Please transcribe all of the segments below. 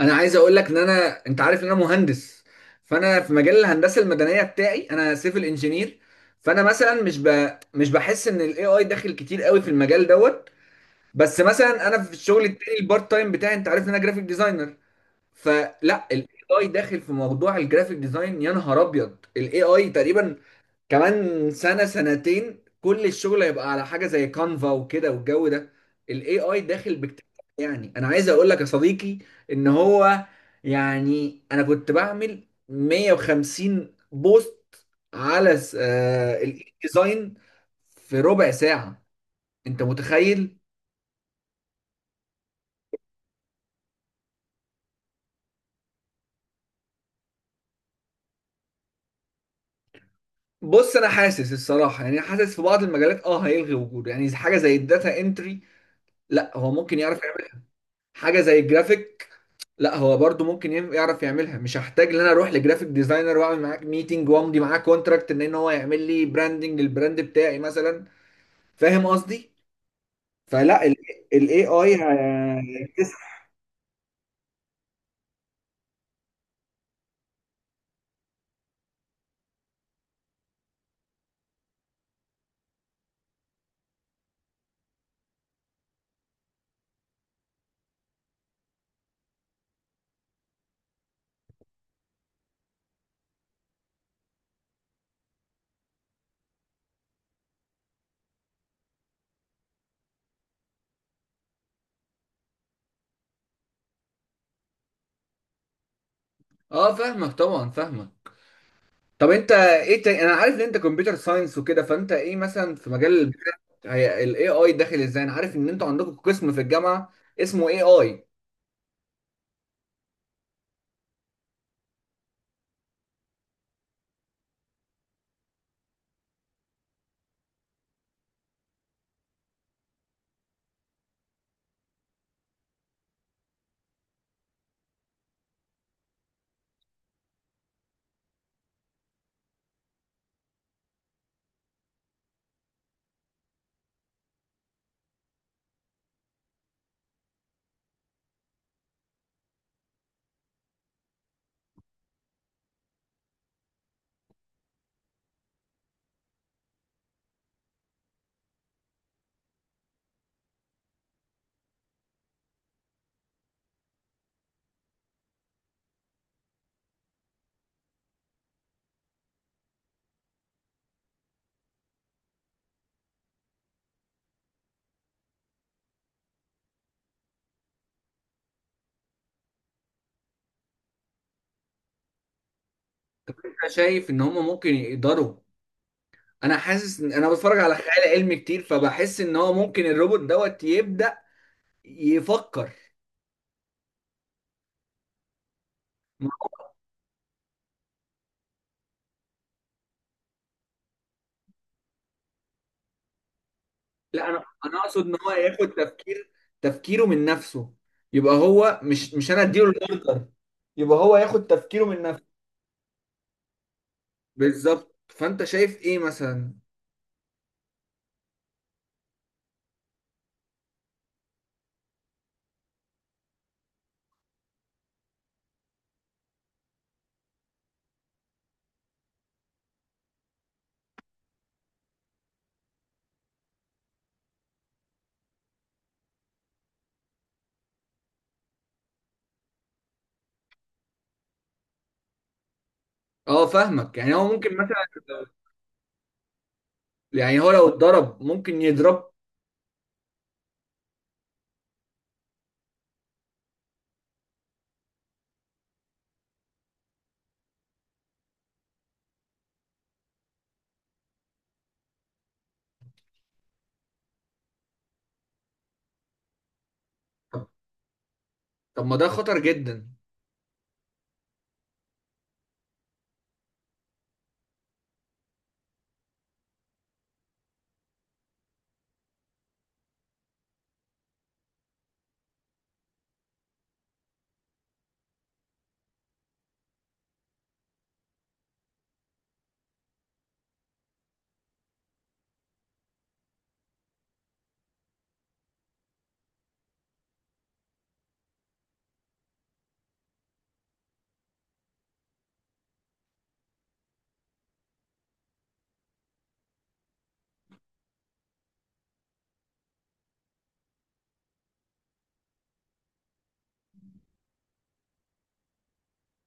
انا عايز اقول لك ان انت عارف ان انا مهندس. فانا في مجال الهندسه المدنيه بتاعي، انا سيفل انجينير. فانا مثلا مش بحس ان الاي اي داخل كتير قوي في المجال دوت. بس مثلا انا في الشغل التاني البارت تايم بتاعي، انت عارف ان انا جرافيك ديزاينر. فلا، الاي اي داخل في موضوع الجرافيك ديزاين. يا نهار ابيض، الاي اي تقريبا كمان سنة سنتين كل الشغل هيبقى على حاجة زي كانفا وكده والجو ده. ال AI داخل باكتساح. يعني أنا عايز أقول لك يا صديقي إن هو، يعني أنا كنت بعمل 150 بوست على ال ديزاين في ربع ساعة. أنت متخيل؟ بص، أنا حاسس الصراحة، يعني حاسس في بعض المجالات أه هيلغي وجوده. يعني حاجة زي الداتا انتري، لا هو ممكن يعرف. حاجه زي الجرافيك، لا هو برضو ممكن يعرف يعملها. مش هحتاج ان انا اروح لجرافيك ديزاينر واعمل معاك ميتنج وامضي معاه كونتراكت ان ان هو يعمل لي براندنج للبراند بتاعي مثلا. فاهم قصدي؟ فلا، الاي اي هيكتسح. اه فاهمك طبعا، فاهمك. طب انت ايه تاني؟ انا عارف ان انت كمبيوتر ساينس وكده، فانت ايه مثلا في مجال هي الاي اي داخل ازاي؟ انا عارف ان انتوا عندكم قسم في الجامعه اسمه اي اي. طب انت شايف ان هم ممكن يقدروا؟ انا حاسس ان انا بتفرج على خيال علمي كتير، فبحس ان هو ممكن الروبوت دوت يبدأ يفكر. ما- هو- لا انا اقصد ان هو ياخد تفكير، تفكيره من نفسه. يبقى هو مش انا اديله الاوردر، يبقى هو ياخد تفكيره من نفسه. بالظبط. فانت شايف ايه مثلا؟ اه فاهمك. يعني هو ممكن مثلا، يعني هو لو اتضرب ممكن يضرب. طب، طب ما ده خطر جدا.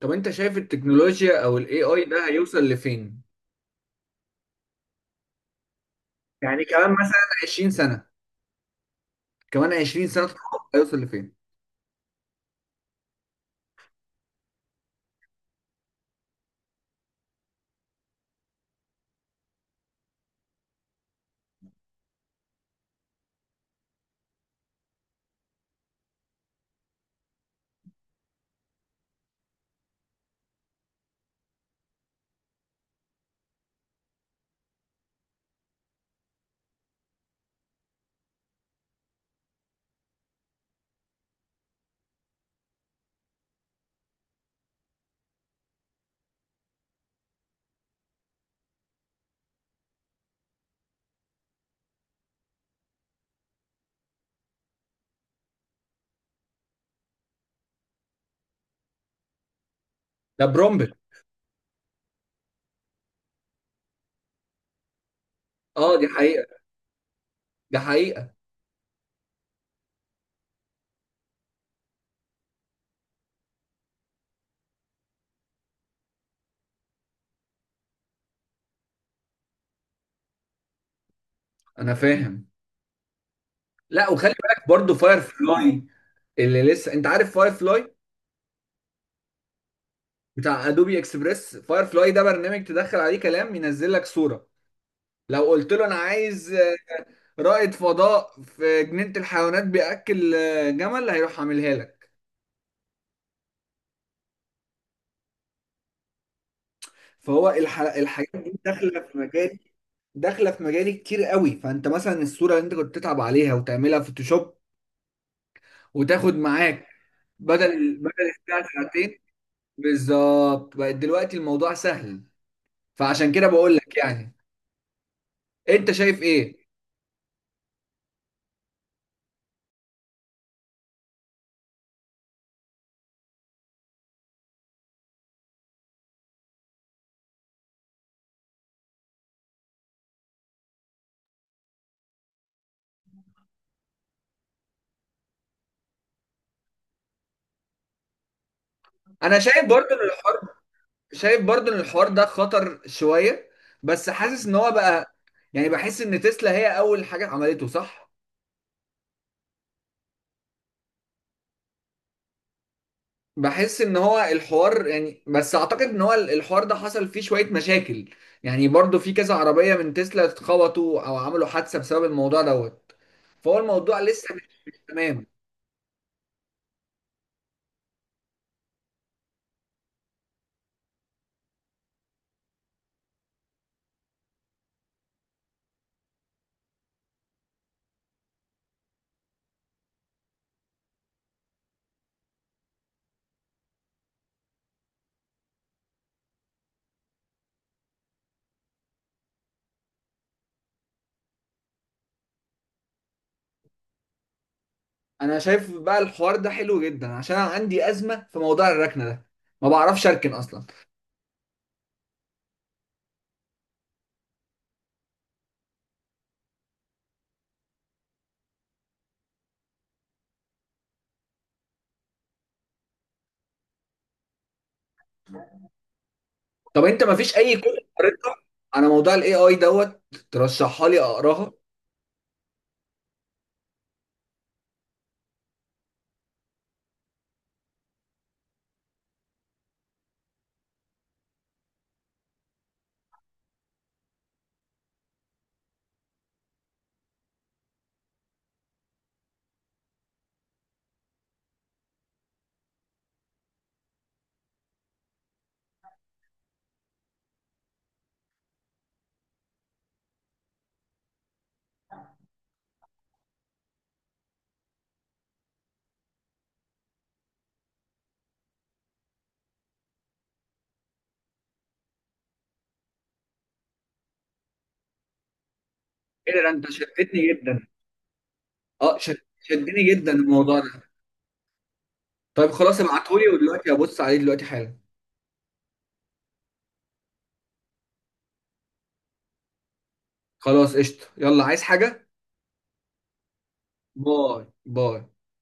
طب انت شايف التكنولوجيا او الاي اي ده هيوصل لفين؟ يعني كمان مثلا 20 سنة، كمان 20 سنة تتحقق هيوصل لفين؟ ده برومبل. اه دي حقيقة، دي حقيقة. انا فاهم. لا وخلي بالك برضو فاير فلاي. اللي لسه، انت عارف فاير فلاي بتاع ادوبي اكسبريس؟ فاير فلاي ده برنامج تدخل عليه كلام ينزل لك صورة. لو قلت له انا عايز رائد فضاء في جنينة الحيوانات بيأكل جمل هيروح عاملها لك. فهو الحاجات دي داخلة في مجال، داخله في مجالي كتير قوي. فانت مثلا الصوره اللي انت كنت تتعب عليها وتعملها فوتوشوب وتاخد معاك بدل الساعة ساعتين. بالظبط، بقت دلوقتي الموضوع سهل. فعشان كده بقول لك، يعني انت شايف ايه؟ انا شايف برضو ان الحوار، شايف برضو ان الحوار ده خطر شوية. بس حاسس ان هو بقى، يعني بحس ان تسلا هي اول حاجة عملته، صح. بحس ان هو الحوار، يعني بس اعتقد ان هو الحوار ده حصل فيه شوية مشاكل. يعني برضو في كذا عربية من تسلا اتخبطوا او عملوا حادثة بسبب الموضوع دوت. فهو الموضوع لسه مش تمام. انا شايف بقى الحوار ده حلو جدا عشان انا عندي ازمه في موضوع الركنه ده، ما بعرفش اركن اصلا. طب انت ما فيش اي كتب قريتها على موضوع الاي اي دوت ترشحها لي اقراها؟ ايه ده، انت شدتني جدا. اه شدني جدا الموضوع ده. طيب خلاص، ابعتهولي ودلوقتي ابص عليه دلوقتي حالا. خلاص قشطه، يلا عايز حاجه؟ باي باي.